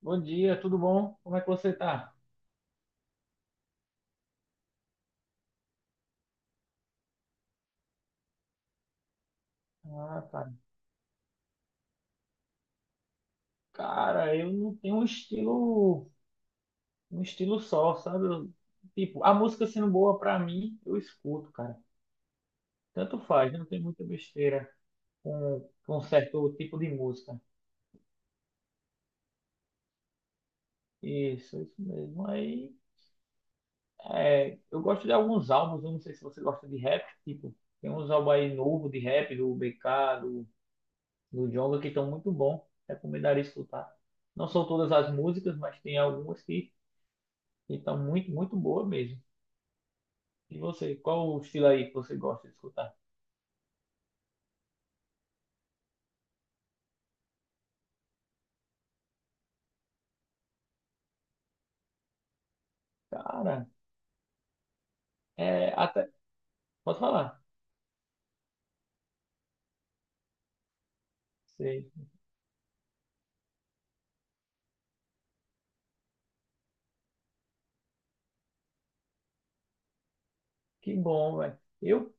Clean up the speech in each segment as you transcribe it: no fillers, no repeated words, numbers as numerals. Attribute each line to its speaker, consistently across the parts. Speaker 1: Bom dia, tudo bom? Como é que você tá? Ah, cara, cara, eu não tenho um estilo só, sabe? Tipo, a música sendo boa pra mim, eu escuto, cara. Tanto faz, não tem muita besteira com certo tipo de música. Isso mesmo. Aí, eu gosto de alguns álbuns, eu não sei se você gosta de rap, tipo, tem uns álbuns aí novo de rap, do BK, do Djonga, que estão muito bom. Recomendaria escutar. Não são todas as músicas, mas tem algumas que então, muito boa mesmo. E você, qual o estilo aí que você gosta de escutar? Cara, é até. Pode falar. Sei. Que bom, velho.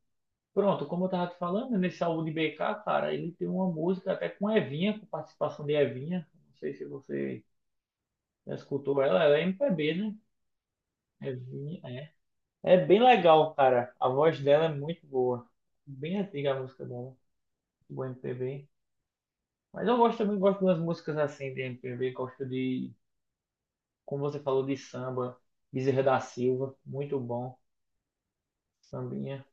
Speaker 1: Pronto, como eu tava te falando, né, nesse álbum de BK, cara, ele tem uma música até com Evinha, com participação de Evinha. Não sei se você já escutou ela, ela é MPB, né? Evinha, é. É bem legal, cara. A voz dela é muito boa. Bem antiga a música dela, do MPB. Mas eu gosto também, gosto das músicas assim de MPB, gosto de, como você falou, de samba, Bezerra da Silva, muito bom, sambinha.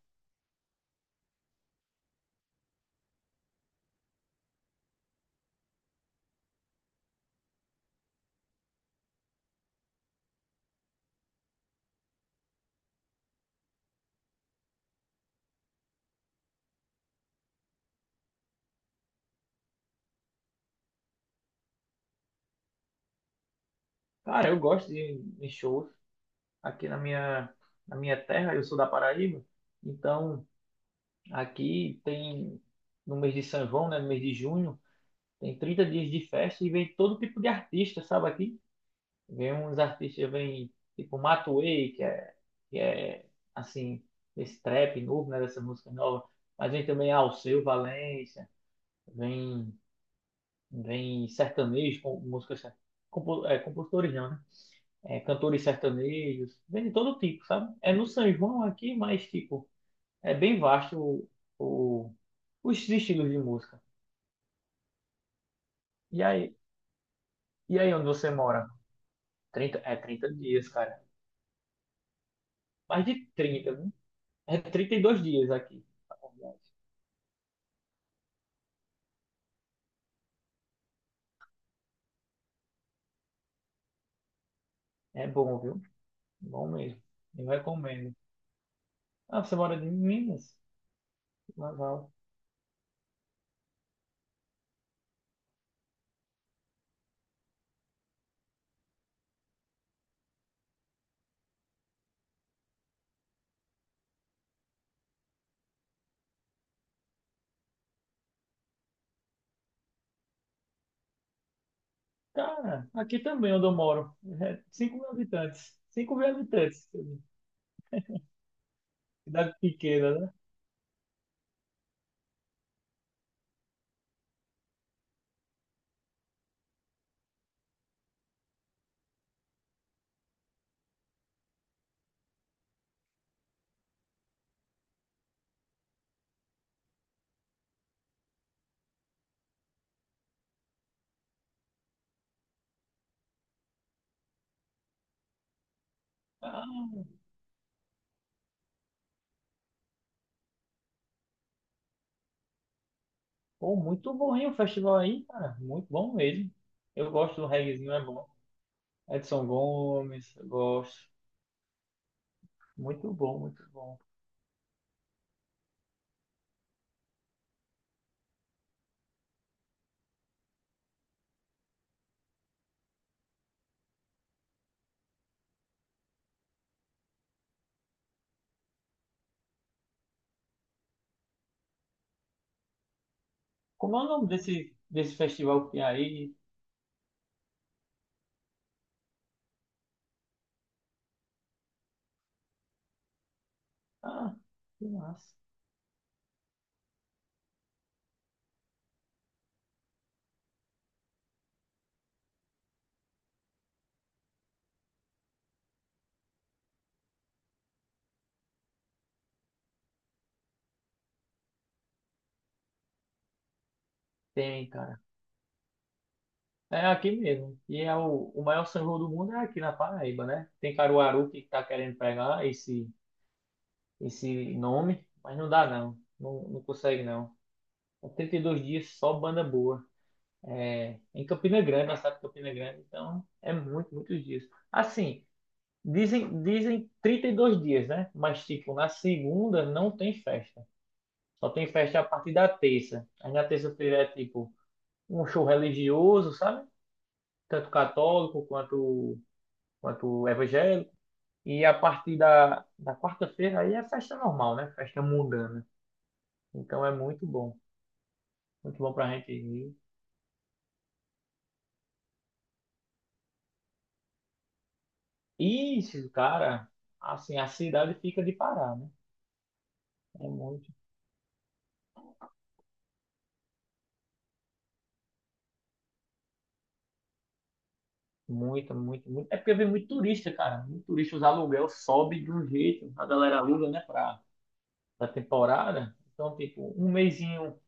Speaker 1: Cara, eu gosto de shows aqui na minha, na minha terra, eu sou da Paraíba, então aqui tem, no mês de São João, né, no mês de junho, tem 30 dias de festa e vem todo tipo de artista, sabe aqui? Vem uns artistas, vem tipo Matuê, que é assim, esse trap novo, né, dessa música nova, mas vem também Alceu Valença, vem vem sertanejos, com músicas, compositores não, né? É, cantores sertanejos, vem de todo tipo, sabe? É no São João aqui, mas tipo, é bem vasto o- os estilos de música. E aí, e aí onde você mora? 30 é 30 dias, cara. Mais de 30, né? É 32 dias aqui na verdade. É bom, viu? Bom mesmo. Eu recomendo. Ah, você mora em Minas? Legal. Cara, aqui também onde eu moro, é 5 mil habitantes, 5 mil habitantes, cidade pequena, né? Ah, pô, muito bom, hein, o festival aí, cara, muito bom mesmo. Eu gosto do reggaezinho, é bom. Edson Gomes, eu gosto. Muito bom, muito bom. Como é o nome desse festival que tem aí? Ah, que massa. Tem, cara. É aqui mesmo. E é o maior São João do mundo é aqui na Paraíba, né? Tem Caruaru que tá querendo pegar esse nome, mas não dá não, não consegue não. São 32 dias só banda boa. É, em Campina Grande, na cidade de Campina Grande, então é muitos dias. Assim, dizem 32 dias, né? Mas tipo, na segunda não tem festa. Só tem festa a partir da terça. Aí na terça-feira é tipo um show religioso, sabe? Tanto católico quanto evangélico. E a partir da quarta-feira aí é festa normal, né? Festa mundana. Então é muito bom. Muito bom pra gente ir. Isso, cara, assim, a cidade fica de parar, né? É muito. É porque vem muito turista, cara. Muito turista, os aluguel sobe de um jeito. A galera aluga, né, pra temporada. Então, tipo, um mesinho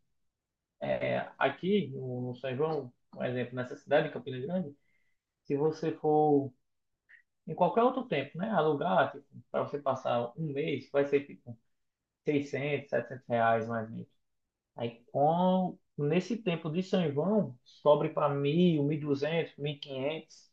Speaker 1: é, aqui no São João, por exemplo, nessa cidade, em Campina Grande, se você for em qualquer outro tempo, né, alugar, tipo, pra você passar um mês, vai ser, tipo, 600, R$ 700 mais ou menos. Aí, nesse tempo de São João, sobre para 1.000, 1.200, 500,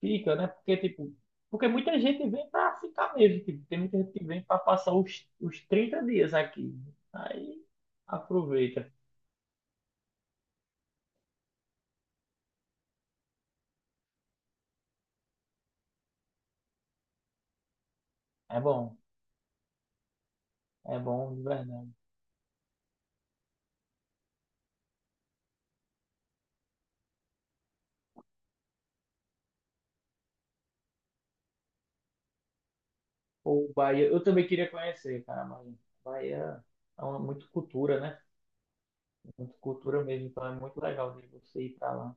Speaker 1: fica, né? Porque, tipo, porque muita gente vem para ficar mesmo. Tipo, tem muita gente que vem para passar os 30 dias aqui. Aí, aproveita. É bom, é bom de verdade. Ou Bahia, eu também queria conhecer, cara, mas Bahia é uma, muito cultura, né? Muito cultura mesmo, então é muito legal de você ir para lá.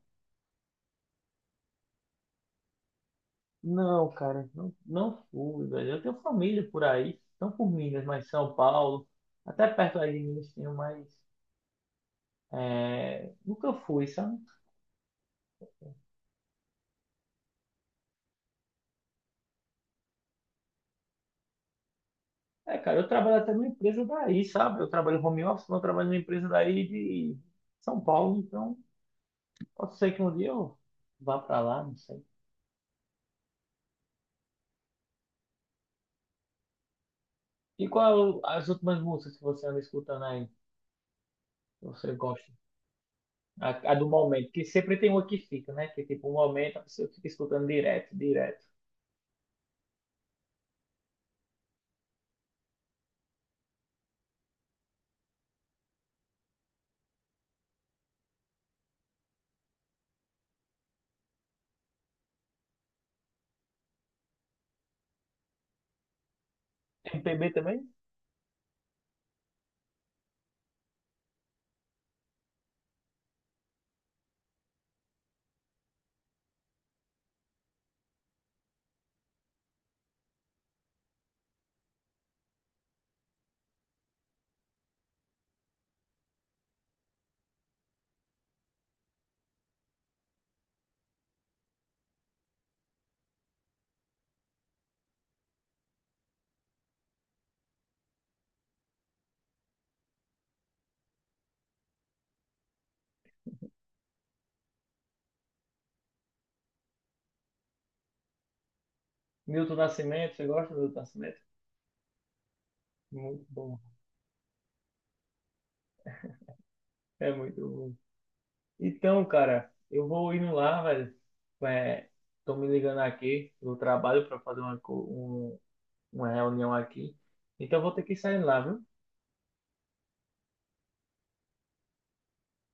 Speaker 1: Não, cara, não fui, velho. Eu tenho família por aí, não por Minas, mas São Paulo, até perto aí de Minas tenho, mas é, nunca fui, sabe? É, cara, eu trabalho até numa empresa daí, sabe? Eu trabalho home office, mas eu trabalho numa empresa daí de São Paulo, então pode ser que um dia eu vá pra lá, não sei. E qual é as últimas músicas que você anda escutando aí, que você gosta? A do momento, que sempre tem uma que fica, né? Que tipo, um momento a pessoa fica escutando direto. MPB também? Milton Nascimento, você gosta do Milton Nascimento? Muito bom. É muito bom. Então, cara, eu vou indo lá, velho. É, tô me ligando aqui do trabalho para fazer uma reunião aqui. Então, eu vou ter que sair lá, viu?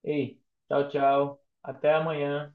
Speaker 1: Ei, tchau, tchau. Até amanhã.